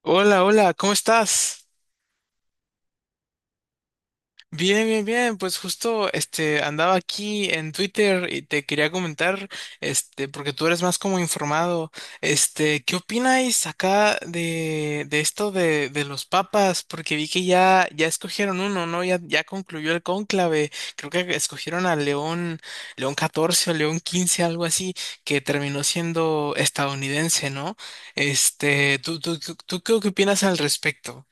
Hola, hola, ¿cómo estás? Bien, bien, bien. Pues justo este andaba aquí en Twitter y te quería comentar, este, porque tú eres más como informado. Este, ¿qué opináis acá de esto de los papas? Porque vi que ya, ya escogieron uno, ¿no? Ya, ya concluyó el cónclave. Creo que escogieron a León, León XIV o León XV, algo así, que terminó siendo estadounidense, ¿no? Este, ¿tú qué opinas al respecto?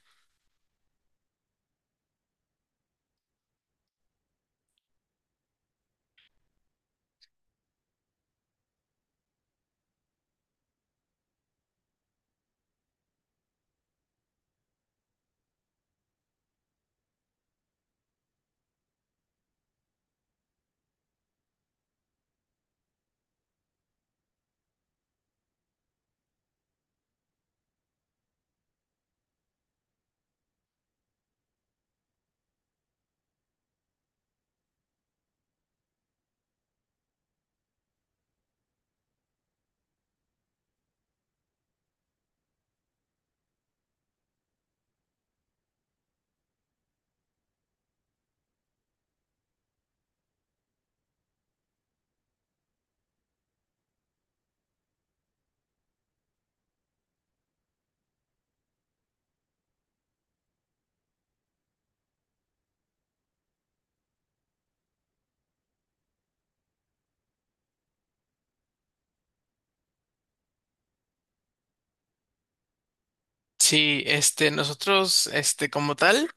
Sí, este, nosotros, este, como tal.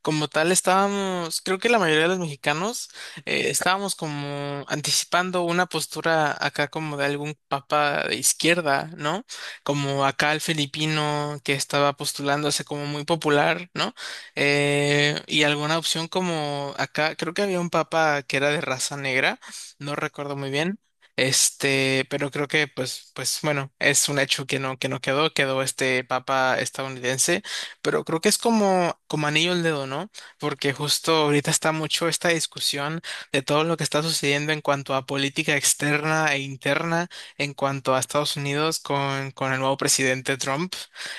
Como tal, estábamos, creo que la mayoría de los mexicanos estábamos como anticipando una postura acá como de algún papa de izquierda, ¿no? Como acá el filipino que estaba postulándose como muy popular, ¿no? Y alguna opción como acá, creo que había un papa que era de raza negra, no recuerdo muy bien. Este, pero creo que pues bueno, es un hecho que no quedó, quedó este papa estadounidense pero creo que es como, como anillo al dedo, ¿no? Porque justo ahorita está mucho esta discusión de todo lo que está sucediendo en cuanto a política externa e interna, en cuanto a Estados Unidos con el nuevo presidente Trump.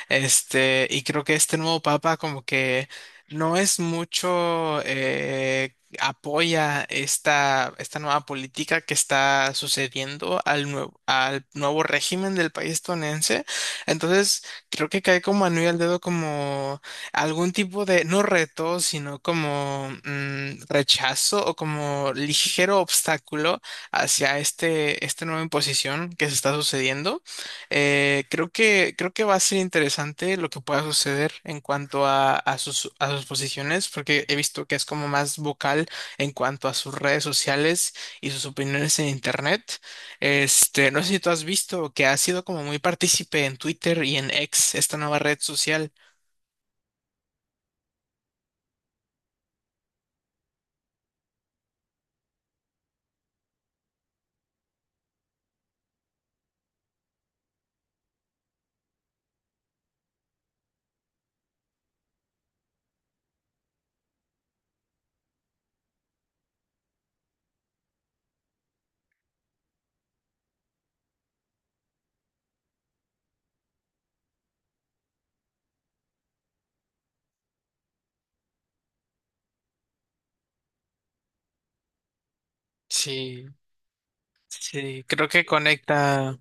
Este, y creo que este nuevo papa como que no es mucho... apoya esta nueva política que está sucediendo al nuevo régimen del país estadounidense. Entonces, creo que cae como anillo al dedo como algún tipo de, no reto, sino como rechazo o como ligero obstáculo hacia este, esta nueva imposición que se está sucediendo. Creo que va a ser interesante lo que pueda suceder en cuanto a, a sus posiciones, porque he visto que es como más vocal en cuanto a sus redes sociales y sus opiniones en internet. Este, no sé si tú has visto que ha sido como muy partícipe en Twitter y en X, esta nueva red social. Sí, sí, creo que conecta.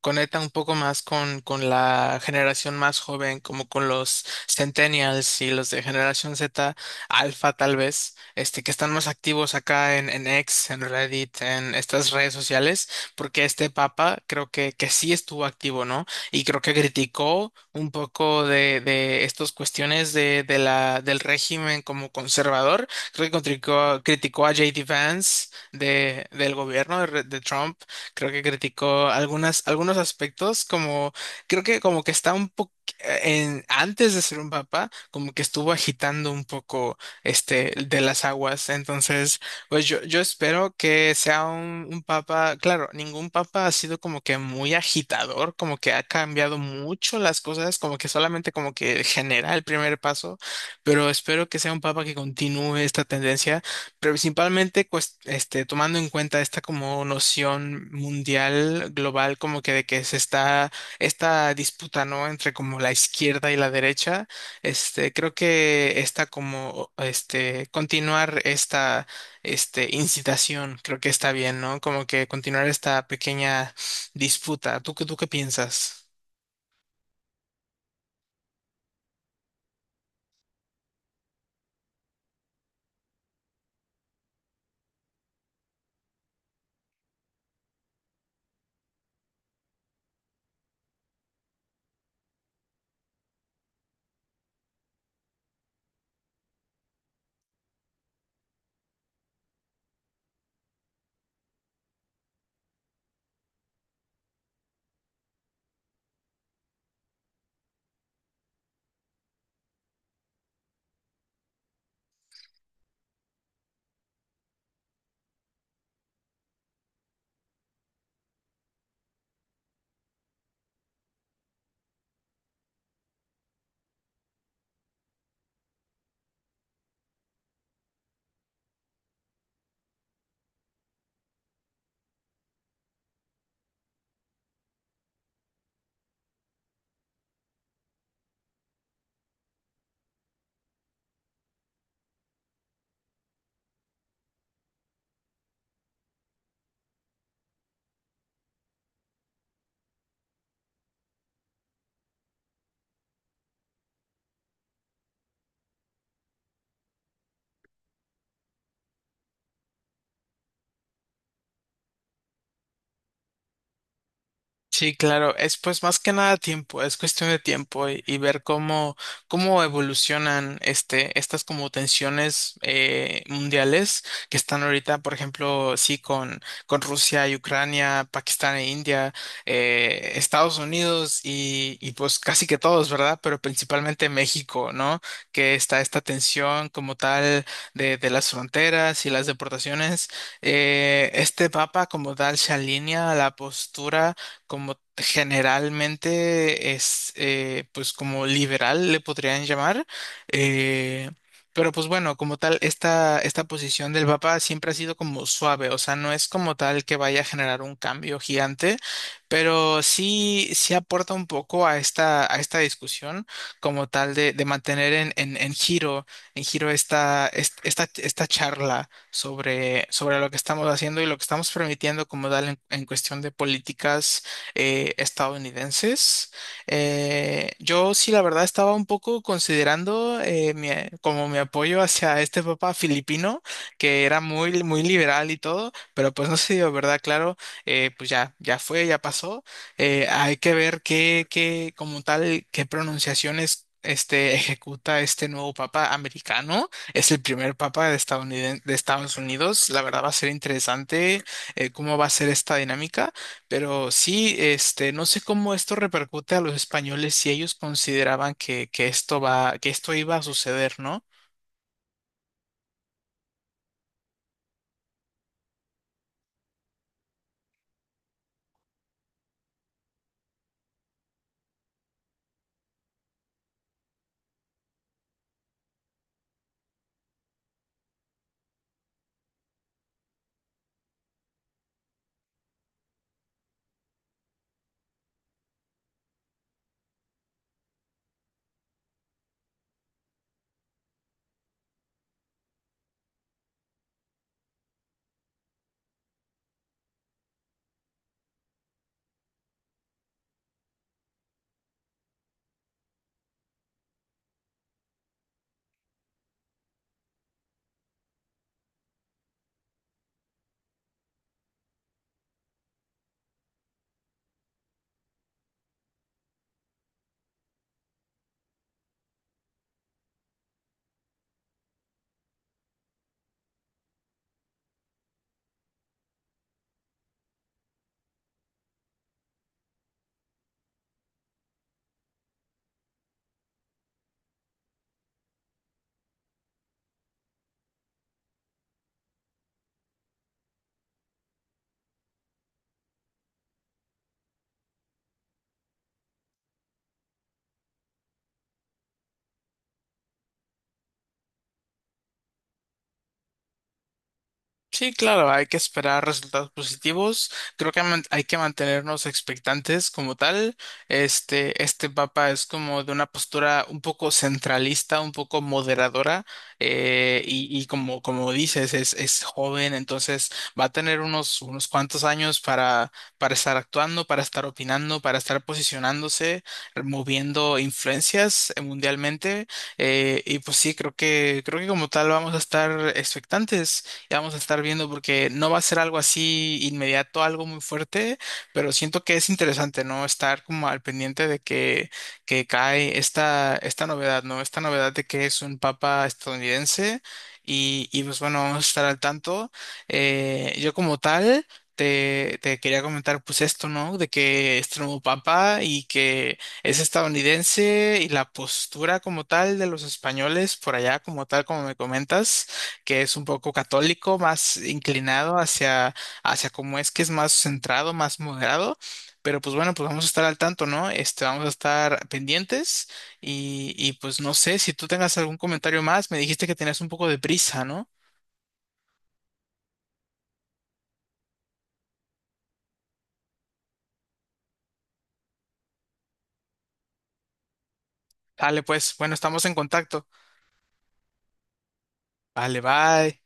Conecta un poco más con la generación más joven, como con los centennials y los de generación Z, alfa tal vez, este, que están más activos acá en, X, en Reddit, en estas redes sociales, porque este papa creo que sí estuvo activo, ¿no? Y creo que criticó un poco de estas cuestiones de la, del régimen como conservador. Creo que criticó a JD Vance de, del gobierno de Trump. Creo que criticó algunas, algunos aspectos, como creo que como que está un poco antes de ser un papa, como que estuvo agitando un poco este de las aguas. Entonces, pues yo espero que sea un papa, claro, ningún papa ha sido como que muy agitador, como que ha cambiado mucho las cosas, como que solamente como que genera el primer paso, pero espero que sea un papa que continúe esta tendencia pero principalmente este, tomando en cuenta esta como noción mundial, global, como que de que se está esta disputa, ¿no? Entre como la izquierda y la derecha, este, creo que está como, este, continuar esta, este, incitación, creo que está bien, ¿no? Como que continuar esta pequeña disputa. ¿Tú qué piensas? Sí, claro, es pues más que nada tiempo, es cuestión de tiempo y, ver cómo evolucionan este, estas como tensiones mundiales que están ahorita, por ejemplo, sí, con, Rusia y Ucrania, Pakistán e India, Estados Unidos y pues casi que todos, ¿verdad? Pero principalmente México, ¿no? Que está esta tensión como tal de las fronteras y las deportaciones. Este papa como tal se alinea a la postura como generalmente es, pues como liberal le podrían llamar. eh, pero pues bueno, como tal, esta posición del Papa siempre ha sido como suave, o sea, no es como tal que vaya a generar un cambio gigante, pero sí, sí aporta un poco a esta, discusión como tal de mantener en giro, en giro esta charla sobre, lo que estamos haciendo y lo que estamos permitiendo como tal en cuestión de políticas estadounidenses. Yo sí, la verdad, estaba un poco considerando como mi apoyo hacia este Papa filipino, que era muy, muy liberal y todo, pero pues no se dio, ¿verdad? Claro, pues ya, ya fue, ya pasó. Hay que ver qué, como tal, qué pronunciaciones. Este ejecuta este nuevo papa americano, es el primer papa de Estados Unidos. La verdad va a ser interesante cómo va a ser esta dinámica. Pero sí, este, no sé cómo esto repercute a los españoles si ellos consideraban que, esto va, que esto iba a suceder, ¿no? Sí, claro, hay que esperar resultados positivos. Creo que hay que mantenernos expectantes como tal. Este papa es como de una postura un poco centralista, un poco moderadora, y, como dices, es joven, entonces va a tener unos cuantos años para estar actuando, para estar opinando, para estar posicionándose, moviendo influencias mundialmente. Y pues sí, creo que como tal vamos a estar expectantes. Ya vamos a estar viendo porque no va a ser algo así inmediato, algo muy fuerte, pero siento que es interesante, ¿no? Estar como al pendiente de que, cae esta novedad, ¿no? Esta novedad de que es un papa estadounidense y pues bueno, vamos a estar al tanto. Yo como tal... Te quería comentar pues esto, ¿no? De que este nuevo papa y que es estadounidense y la postura como tal de los españoles por allá, como tal, como me comentas que es un poco católico, más inclinado hacia, cómo es que es más centrado, más moderado. Pero pues bueno, pues vamos a estar al tanto, ¿no? Este, vamos a estar pendientes y pues no sé si tú tengas algún comentario más. Me dijiste que tenías un poco de prisa, ¿no? Dale, pues, bueno, estamos en contacto. Vale, bye.